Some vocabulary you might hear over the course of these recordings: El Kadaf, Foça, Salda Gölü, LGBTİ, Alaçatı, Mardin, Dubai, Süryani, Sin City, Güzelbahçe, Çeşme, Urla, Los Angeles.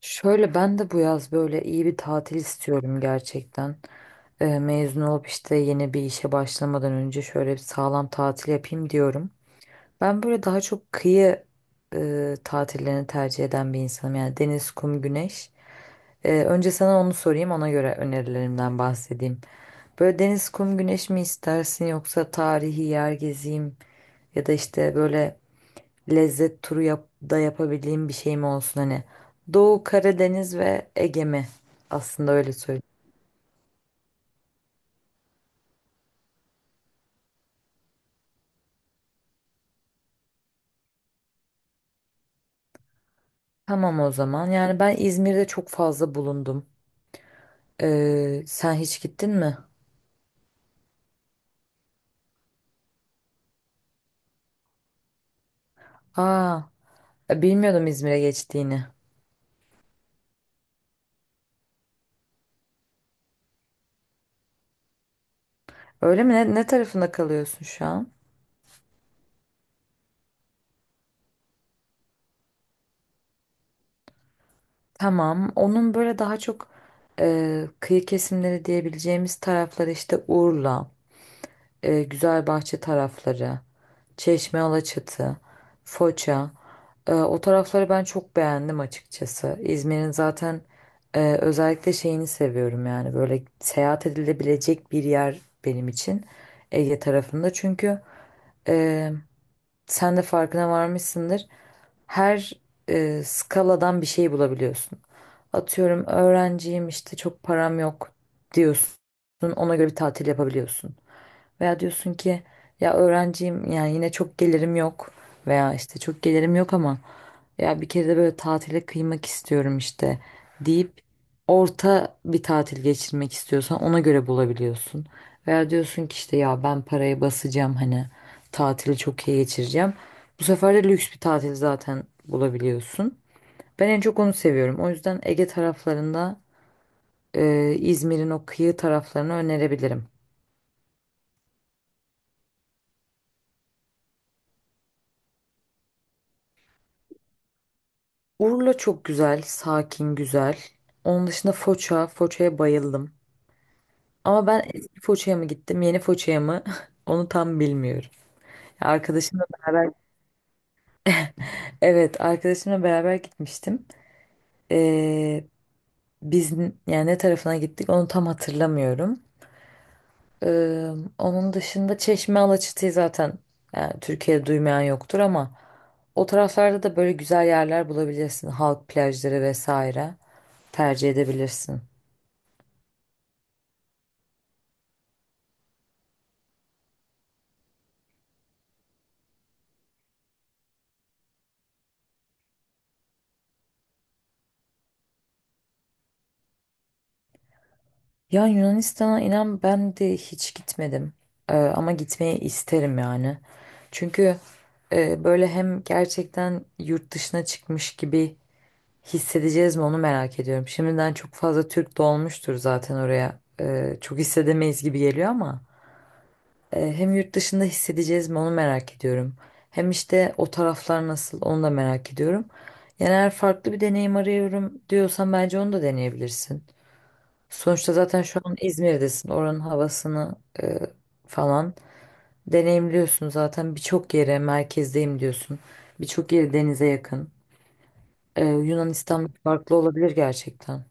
Şöyle ben de bu yaz böyle iyi bir tatil istiyorum gerçekten. Mezun olup işte yeni bir işe başlamadan önce şöyle bir sağlam tatil yapayım diyorum. Ben böyle daha çok kıyı tatillerini tercih eden bir insanım. Yani deniz, kum, güneş. Önce sana onu sorayım, ona göre önerilerimden bahsedeyim. Böyle deniz, kum, güneş mi istersin yoksa tarihi yer gezeyim ya da işte böyle lezzet turu yap da yapabildiğim bir şey mi olsun hani. Doğu Karadeniz ve Ege mi? Aslında öyle söyleyeyim. Tamam o zaman. Yani ben İzmir'de çok fazla bulundum. Sen hiç gittin mi? Aa, bilmiyordum İzmir'e geçtiğini. Öyle mi? Ne tarafında kalıyorsun şu an? Tamam. Onun böyle daha çok kıyı kesimleri diyebileceğimiz tarafları işte Urla, Güzelbahçe tarafları. Çeşme, Alaçatı, Foça. O tarafları ben çok beğendim açıkçası. İzmir'in zaten özellikle şeyini seviyorum yani böyle seyahat edilebilecek bir yer benim için Ege tarafında. Çünkü e, sen de farkına varmışsındır. Her skaladan bir şey bulabiliyorsun. Atıyorum öğrenciyim işte çok param yok diyorsun. Ona göre bir tatil yapabiliyorsun. Veya diyorsun ki ya öğrenciyim yani yine çok gelirim yok veya işte çok gelirim yok ama ya bir kere de böyle tatile kıymak istiyorum işte deyip orta bir tatil geçirmek istiyorsan ona göre bulabiliyorsun. Veya diyorsun ki işte ya ben parayı basacağım hani tatili çok iyi geçireceğim. Bu sefer de lüks bir tatil zaten bulabiliyorsun. Ben en çok onu seviyorum. O yüzden Ege taraflarında İzmir'in o kıyı taraflarını önerebilirim. Urla çok güzel, sakin, güzel. Onun dışında Foça, Foça'ya bayıldım. Ama ben eski Foça'ya mı gittim, yeni Foça'ya mı? Onu tam bilmiyorum. Arkadaşımla beraber, evet, arkadaşımla beraber gitmiştim. Ee, Biz yani ne tarafına gittik onu tam hatırlamıyorum. Ee, Onun dışında Çeşme Alaçatı'yı zaten yani Türkiye'de duymayan yoktur ama o taraflarda da böyle güzel yerler bulabilirsin. Halk plajları vesaire tercih edebilirsin. Ya Yunanistan'a inan ben de hiç gitmedim. Ama gitmeyi isterim yani. Çünkü böyle hem gerçekten yurt dışına çıkmış gibi hissedeceğiz mi onu merak ediyorum. Şimdiden çok fazla Türk dolmuştur zaten oraya. Çok hissedemeyiz gibi geliyor ama hem yurt dışında hissedeceğiz mi onu merak ediyorum. Hem işte o taraflar nasıl onu da merak ediyorum. Yani eğer farklı bir deneyim arıyorum diyorsan bence onu da deneyebilirsin. Sonuçta zaten şu an İzmir'desin. Oranın havasını e, falan deneyimliyorsun zaten. Birçok yere merkezdeyim diyorsun. Birçok yeri denize yakın. Yunanistan farklı olabilir gerçekten.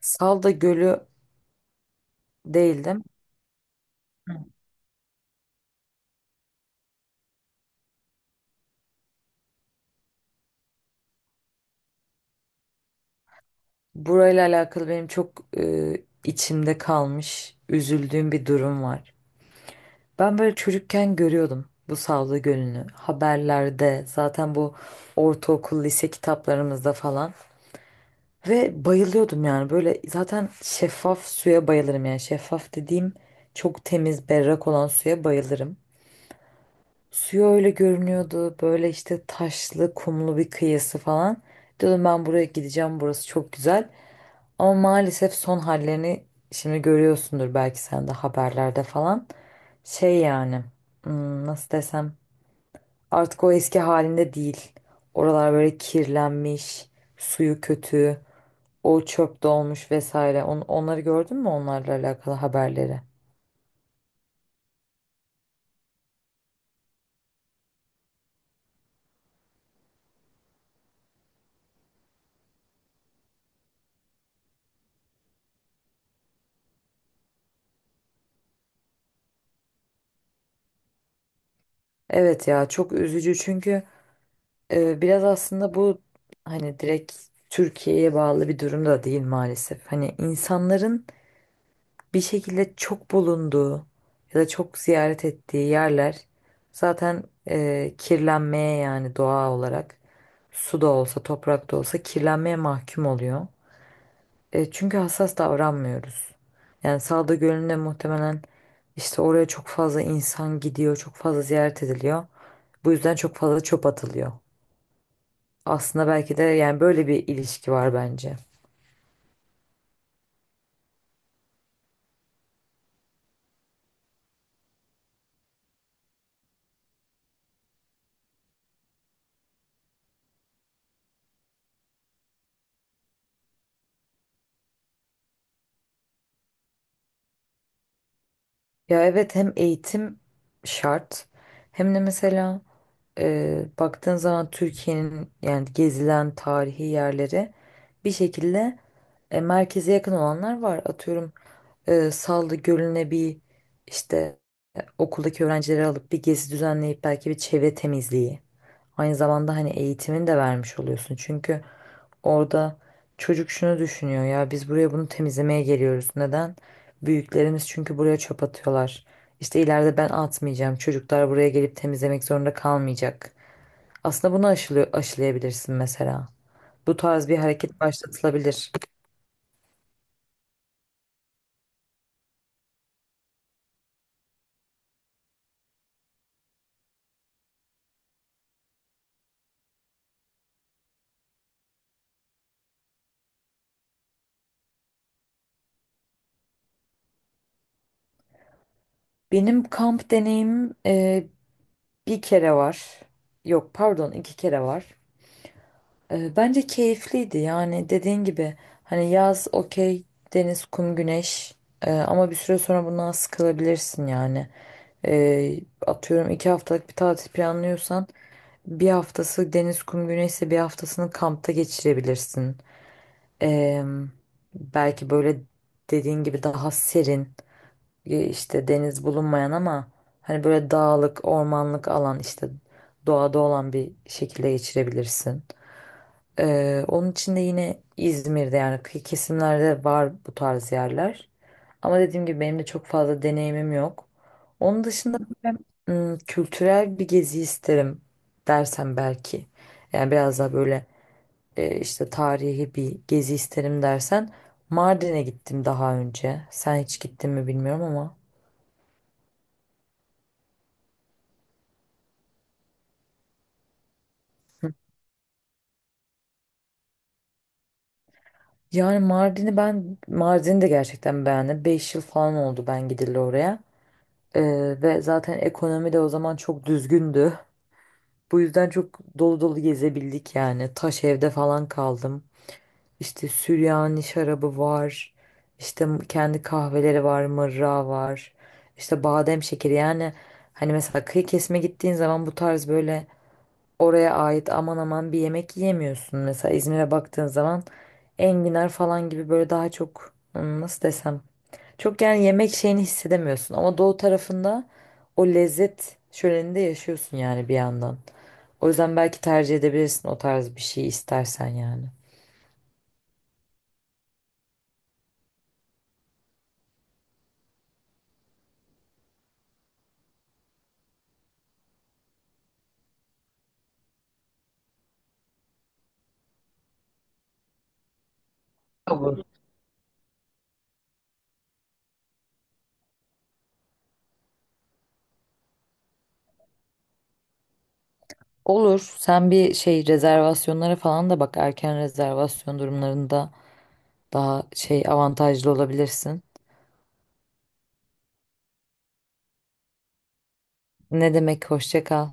Salda Gölü değildim. Burayla alakalı benim çok içimde kalmış, üzüldüğüm bir durum var. Ben böyle çocukken görüyordum bu Salda Gölü'nü. Haberlerde zaten bu ortaokul, lise kitaplarımızda falan. Ve bayılıyordum yani böyle zaten şeffaf suya bayılırım yani şeffaf dediğim çok temiz berrak olan suya bayılırım. Suyu öyle görünüyordu böyle işte taşlı kumlu bir kıyısı falan. Dedim ben buraya gideceğim burası çok güzel. Ama maalesef son hallerini şimdi görüyorsundur belki sen de haberlerde falan. Şey yani nasıl desem artık o eski halinde değil. Oralar böyle kirlenmiş, suyu kötü. O çöp dolmuş vesaire. Onları gördün mü onlarla alakalı haberleri? Evet ya çok üzücü çünkü biraz aslında bu hani direkt Türkiye'ye bağlı bir durum da değil maalesef. Hani insanların bir şekilde çok bulunduğu ya da çok ziyaret ettiği yerler zaten kirlenmeye yani doğa olarak su da olsa toprak da olsa kirlenmeye mahkum oluyor. Çünkü hassas davranmıyoruz. Yani Salda Gölü'nde muhtemelen işte oraya çok fazla insan gidiyor, çok fazla ziyaret ediliyor. Bu yüzden çok fazla çöp atılıyor. Aslında belki de yani böyle bir ilişki var bence. Ya evet hem eğitim şart hem de mesela baktığın zaman Türkiye'nin yani gezilen tarihi yerleri bir şekilde merkeze yakın olanlar var. Atıyorum Sallı Gölü'ne bir işte okuldaki öğrencileri alıp bir gezi düzenleyip belki bir çevre temizliği. Aynı zamanda hani eğitimini de vermiş oluyorsun. Çünkü orada çocuk şunu düşünüyor ya biz buraya bunu temizlemeye geliyoruz. Neden? Büyüklerimiz çünkü buraya çöp atıyorlar. İşte ileride ben atmayacağım. Çocuklar buraya gelip temizlemek zorunda kalmayacak. Aslında bunu aşılayabilirsin mesela. Bu tarz bir hareket başlatılabilir. Benim kamp deneyimim bir kere var. Yok pardon 2 kere var. Bence keyifliydi yani dediğin gibi hani yaz okey deniz kum güneş. Ama bir süre sonra bundan sıkılabilirsin yani. Ee, Atıyorum 2 haftalık bir tatil planlıyorsan bir haftası deniz kum güneşse bir haftasını kampta geçirebilirsin. Ee, Belki böyle dediğin gibi daha serin işte deniz bulunmayan ama hani böyle dağlık, ormanlık alan işte doğada olan bir şekilde geçirebilirsin. Onun için de yine İzmir'de yani kıyı kesimlerde var bu tarz yerler. Ama dediğim gibi benim de çok fazla deneyimim yok. Onun dışında kültürel bir gezi isterim dersen belki. Yani biraz daha böyle işte tarihi bir gezi isterim dersen Mardin'e gittim daha önce. Sen hiç gittin mi bilmiyorum ama. Yani Mardin'i ben Mardin'i de gerçekten beğendim. 5 yıl falan oldu ben gidildi oraya. Ee, Ve zaten ekonomi de o zaman çok düzgündü. Bu yüzden çok dolu dolu gezebildik yani. Taş evde falan kaldım. İşte Süryani şarabı var. İşte kendi kahveleri var, mırra var. İşte badem şekeri yani hani mesela kıyı kesme gittiğin zaman bu tarz böyle oraya ait aman aman bir yemek yiyemiyorsun. Mesela İzmir'e baktığın zaman enginar falan gibi böyle daha çok nasıl desem çok yani yemek şeyini hissedemiyorsun ama doğu tarafında o lezzet şöleninde yaşıyorsun yani bir yandan. O yüzden belki tercih edebilirsin o tarz bir şey istersen yani. Olur. Olur. Sen bir şey rezervasyonlara falan da bak. Erken rezervasyon durumlarında daha şey avantajlı olabilirsin. Ne demek hoşça kal.